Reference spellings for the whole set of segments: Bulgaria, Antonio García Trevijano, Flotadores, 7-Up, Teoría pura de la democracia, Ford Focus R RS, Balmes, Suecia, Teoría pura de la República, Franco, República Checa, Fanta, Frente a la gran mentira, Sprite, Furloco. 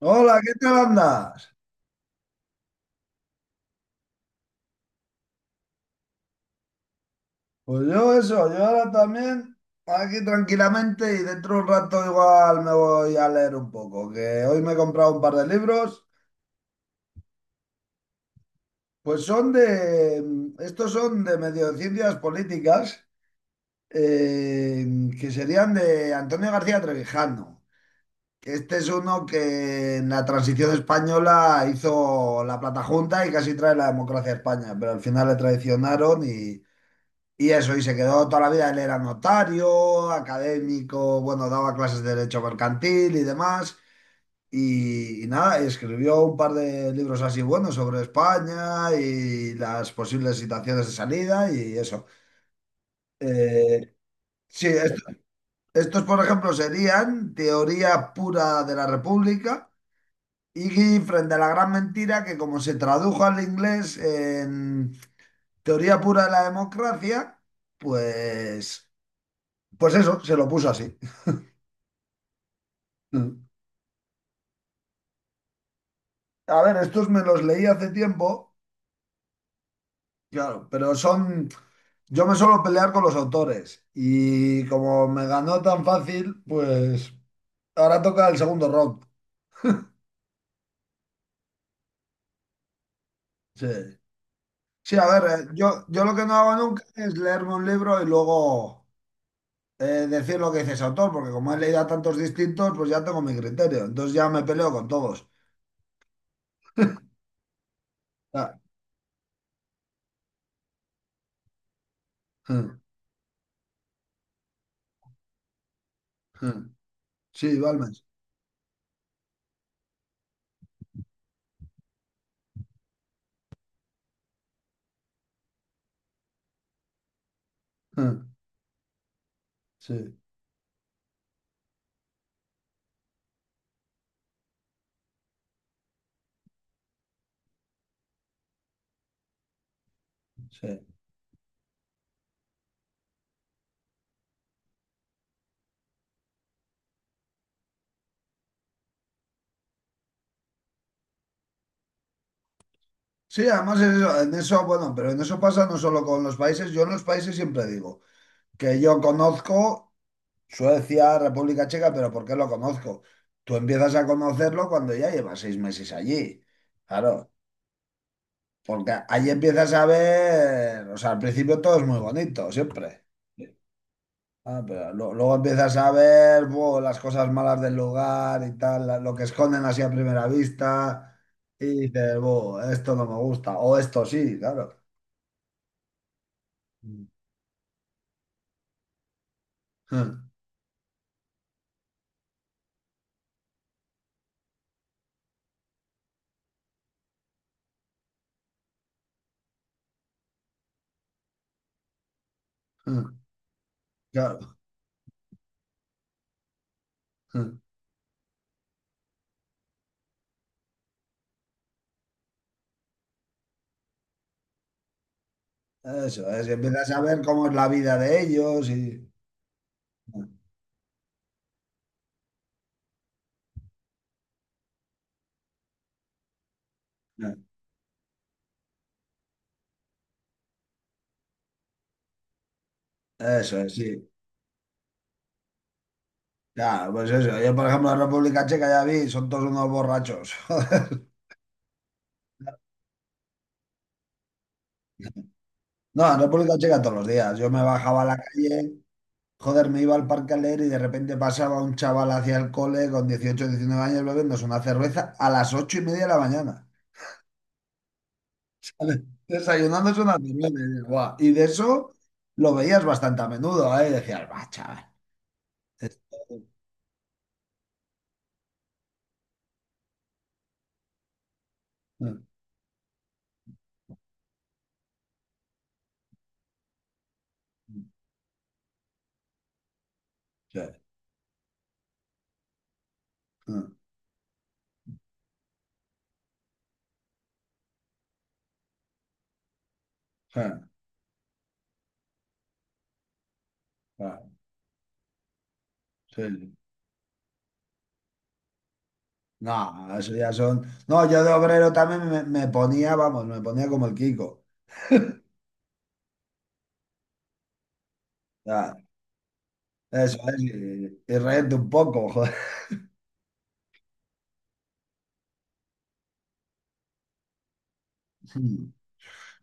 Hola, ¿qué tal andas? Pues yo ahora también aquí tranquilamente y dentro de un rato igual me voy a leer un poco, que hoy me he comprado un par de libros, pues son de, estos son de medio de ciencias políticas, eh, que serían de Antonio García Trevijano. Que Este es uno que en la transición española hizo la Plata Junta y casi trae la democracia a España, pero al final le traicionaron y... Y eso, y se quedó toda la vida, él era notario, académico, bueno, daba clases de derecho mercantil y demás. Y nada, y escribió un par de libros así buenos sobre España y las posibles situaciones de salida y eso. Eh, sí, estos, por ejemplo, serían Teoría pura de la República y Frente a la gran mentira, que como se tradujo al inglés en Teoría pura de la democracia, pues, pues eso, se lo puso así. Mm. A ver, estos me los leí hace tiempo, claro, pero son... Yo me suelo pelear con los autores y como me ganó tan fácil, pues ahora toca el segundo round. Sí. Sí, a ver, yo lo que no hago nunca es leerme un libro y luego decir lo que dice ese autor, porque como he leído a tantos distintos, pues ya tengo mi criterio. Entonces ya me peleo con todos. Ah, mm, mm. Sí, Balmes. Mm, sí, sí. Sí, además es eso, en eso, bueno, pero en eso pasa no solo con los países, yo en los países siempre digo que yo conozco Suecia, República Checa, pero ¿por qué lo conozco? Tú empiezas a conocerlo cuando ya llevas 6 meses allí, claro, porque ahí empiezas a ver, o sea, al principio todo es muy bonito, siempre. Ah, pero luego empiezas a ver buh, las cosas malas del lugar y tal, lo que esconden así a primera vista, y dices, buh, esto no me gusta, o esto sí, claro. Ah, ah, claro. Ah. Eso es, empiezas a ver cómo es la vida de ellos y... Ah, ah, eso es, sí. Claro, pues eso. Yo, por ejemplo, en República Checa ya vi, son todos unos borrachos. Joder. No, en República Checa todos los días. Yo me bajaba a la calle, joder, me iba al parque a leer y de repente pasaba un chaval hacia el cole con 18 19 años bebiéndose una cerveza a las 8:30 de la mañana. ¿Sabes? Desayunándose una cerveza. Y dices, "Buah". Y de eso lo veías bastante a menudo, ¿eh? Y decías, va, chaval. Mm, sí, mm, sí, claro, sí, sí. No, eso ya son. No, yo de obrero también me ponía, vamos, me ponía como el Kiko. Ya, eso es, y reírte un poco, joder. Mm.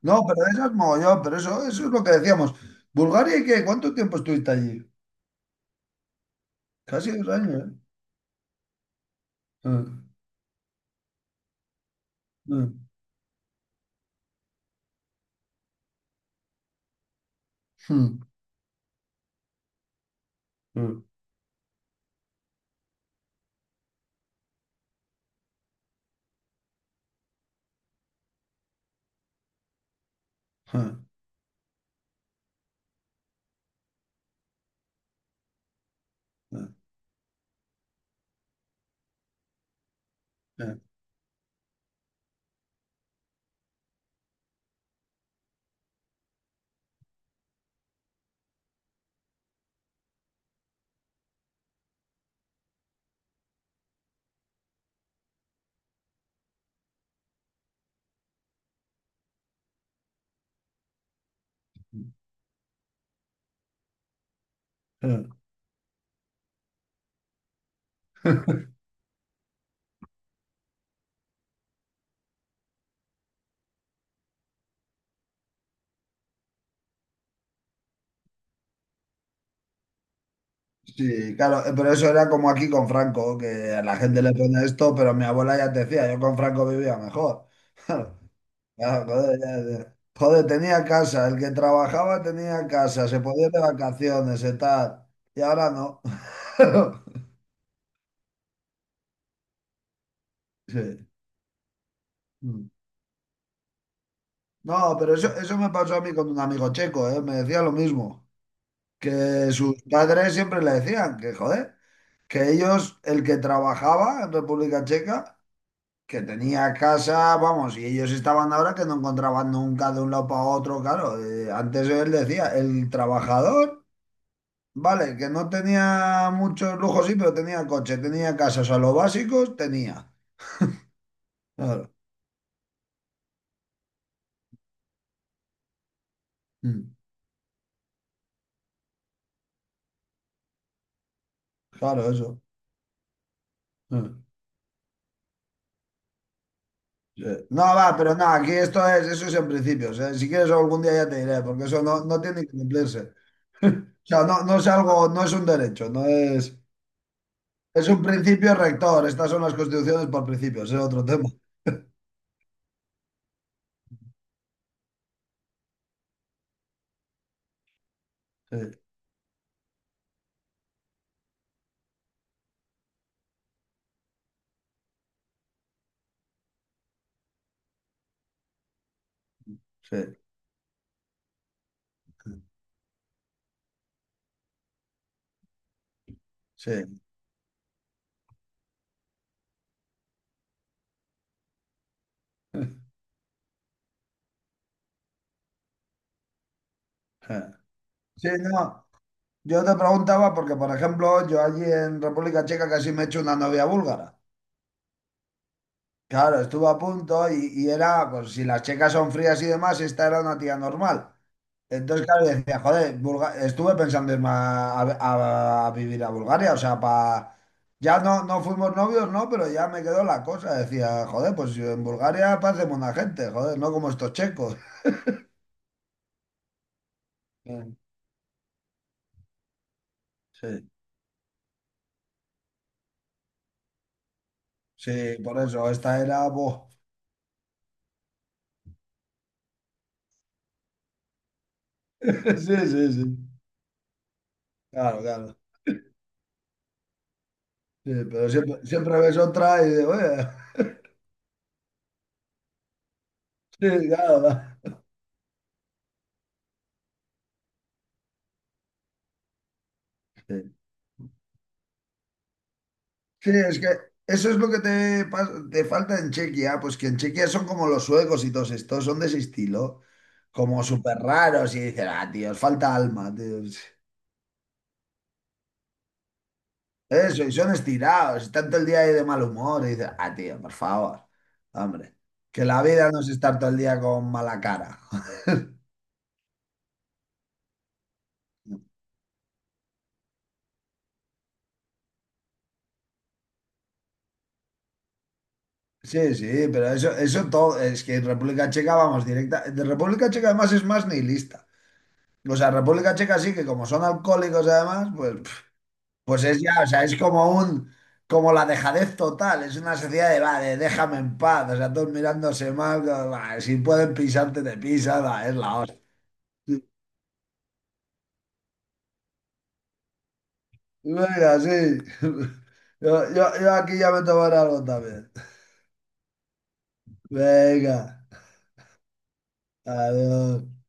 No, pero eso es mogollón, pero eso es lo que decíamos. ¿Bulgaria y qué? ¿Cuánto tiempo estuviste allí? Casi 2 años, ¿eh? Mm, mm, mm, mm, mm, mm, mm, mm, mm, mm, mm. Sí, claro, pero eso era como aquí con Franco, que a la gente le pone esto, pero mi abuela ya te decía, yo con Franco vivía mejor. Claro, joder, ya- ya. Joder, tenía casa, el que trabajaba tenía casa, se podía ir de vacaciones y tal, y ahora no. Sí. Mm. No, pero eso me pasó a mí con un amigo checo, ¿eh? Me decía lo mismo, que sus padres siempre le decían que, joder, que ellos, el que trabajaba en República Checa, que tenía casa, vamos, y ellos estaban ahora que no encontraban nunca de un lado para otro, claro. Antes él decía, el trabajador, vale, que no tenía muchos lujos, sí, pero tenía coche, tenía casa, o sea, los básicos tenía. Claro, mm, claro, eso. Mm, sí. No, va, pero no, aquí esto es, eso es en principio. O sea, si quieres algún día ya te diré, porque eso no, no tiene que cumplirse. O sea, no, no es algo, no es un derecho, no es, es un principio rector. Estas son las constituciones por principios, es otro tema. Sí. Sí, sí, sí. Sí, no, yo te preguntaba porque, por ejemplo, yo allí en República Checa casi me he hecho una novia búlgara. Claro, estuve a punto y era, pues si las checas son frías y demás, esta era una tía normal. Entonces, claro, decía, joder, Bulga- estuve pensando irme a, a vivir a Bulgaria, o sea, para... Ya no, no fuimos novios, no, pero ya me quedó la cosa. Decía, joder, pues yo en Bulgaria parecemos una gente, joder, no como estos checos. Sí, sí, sí, por eso, esta era... Buah. Sí, sí, sí. Claro, claro. Sí, pero siempre, siempre ves otra y digo, oye, sí, claro. Va. Sí. Sí, es que eso es lo que te, te falta en Chequia, pues que en Chequia son como los suecos y todos estos, son de ese estilo, como súper raros y dicen, ah, tío, os falta alma, tío. Eso, y son estirados, y tanto el día ahí de mal humor, y dicen, ah, tío, por favor, hombre, que la vida no es estar todo el día con mala cara. Sí, sí, pero eso, todo, es que en República Checa vamos directa. De República Checa además es más nihilista. O sea, República Checa sí que como son alcohólicos además, pues, pf, pues es ya, o sea, es como un, como la dejadez total, es una sociedad de, va, de déjame en paz, o sea, todos mirándose mal, va, si pueden pisarte, te pisan, va, es la hostia. Venga, sí. Yo aquí ya me tomaré algo también. Venga, adiós.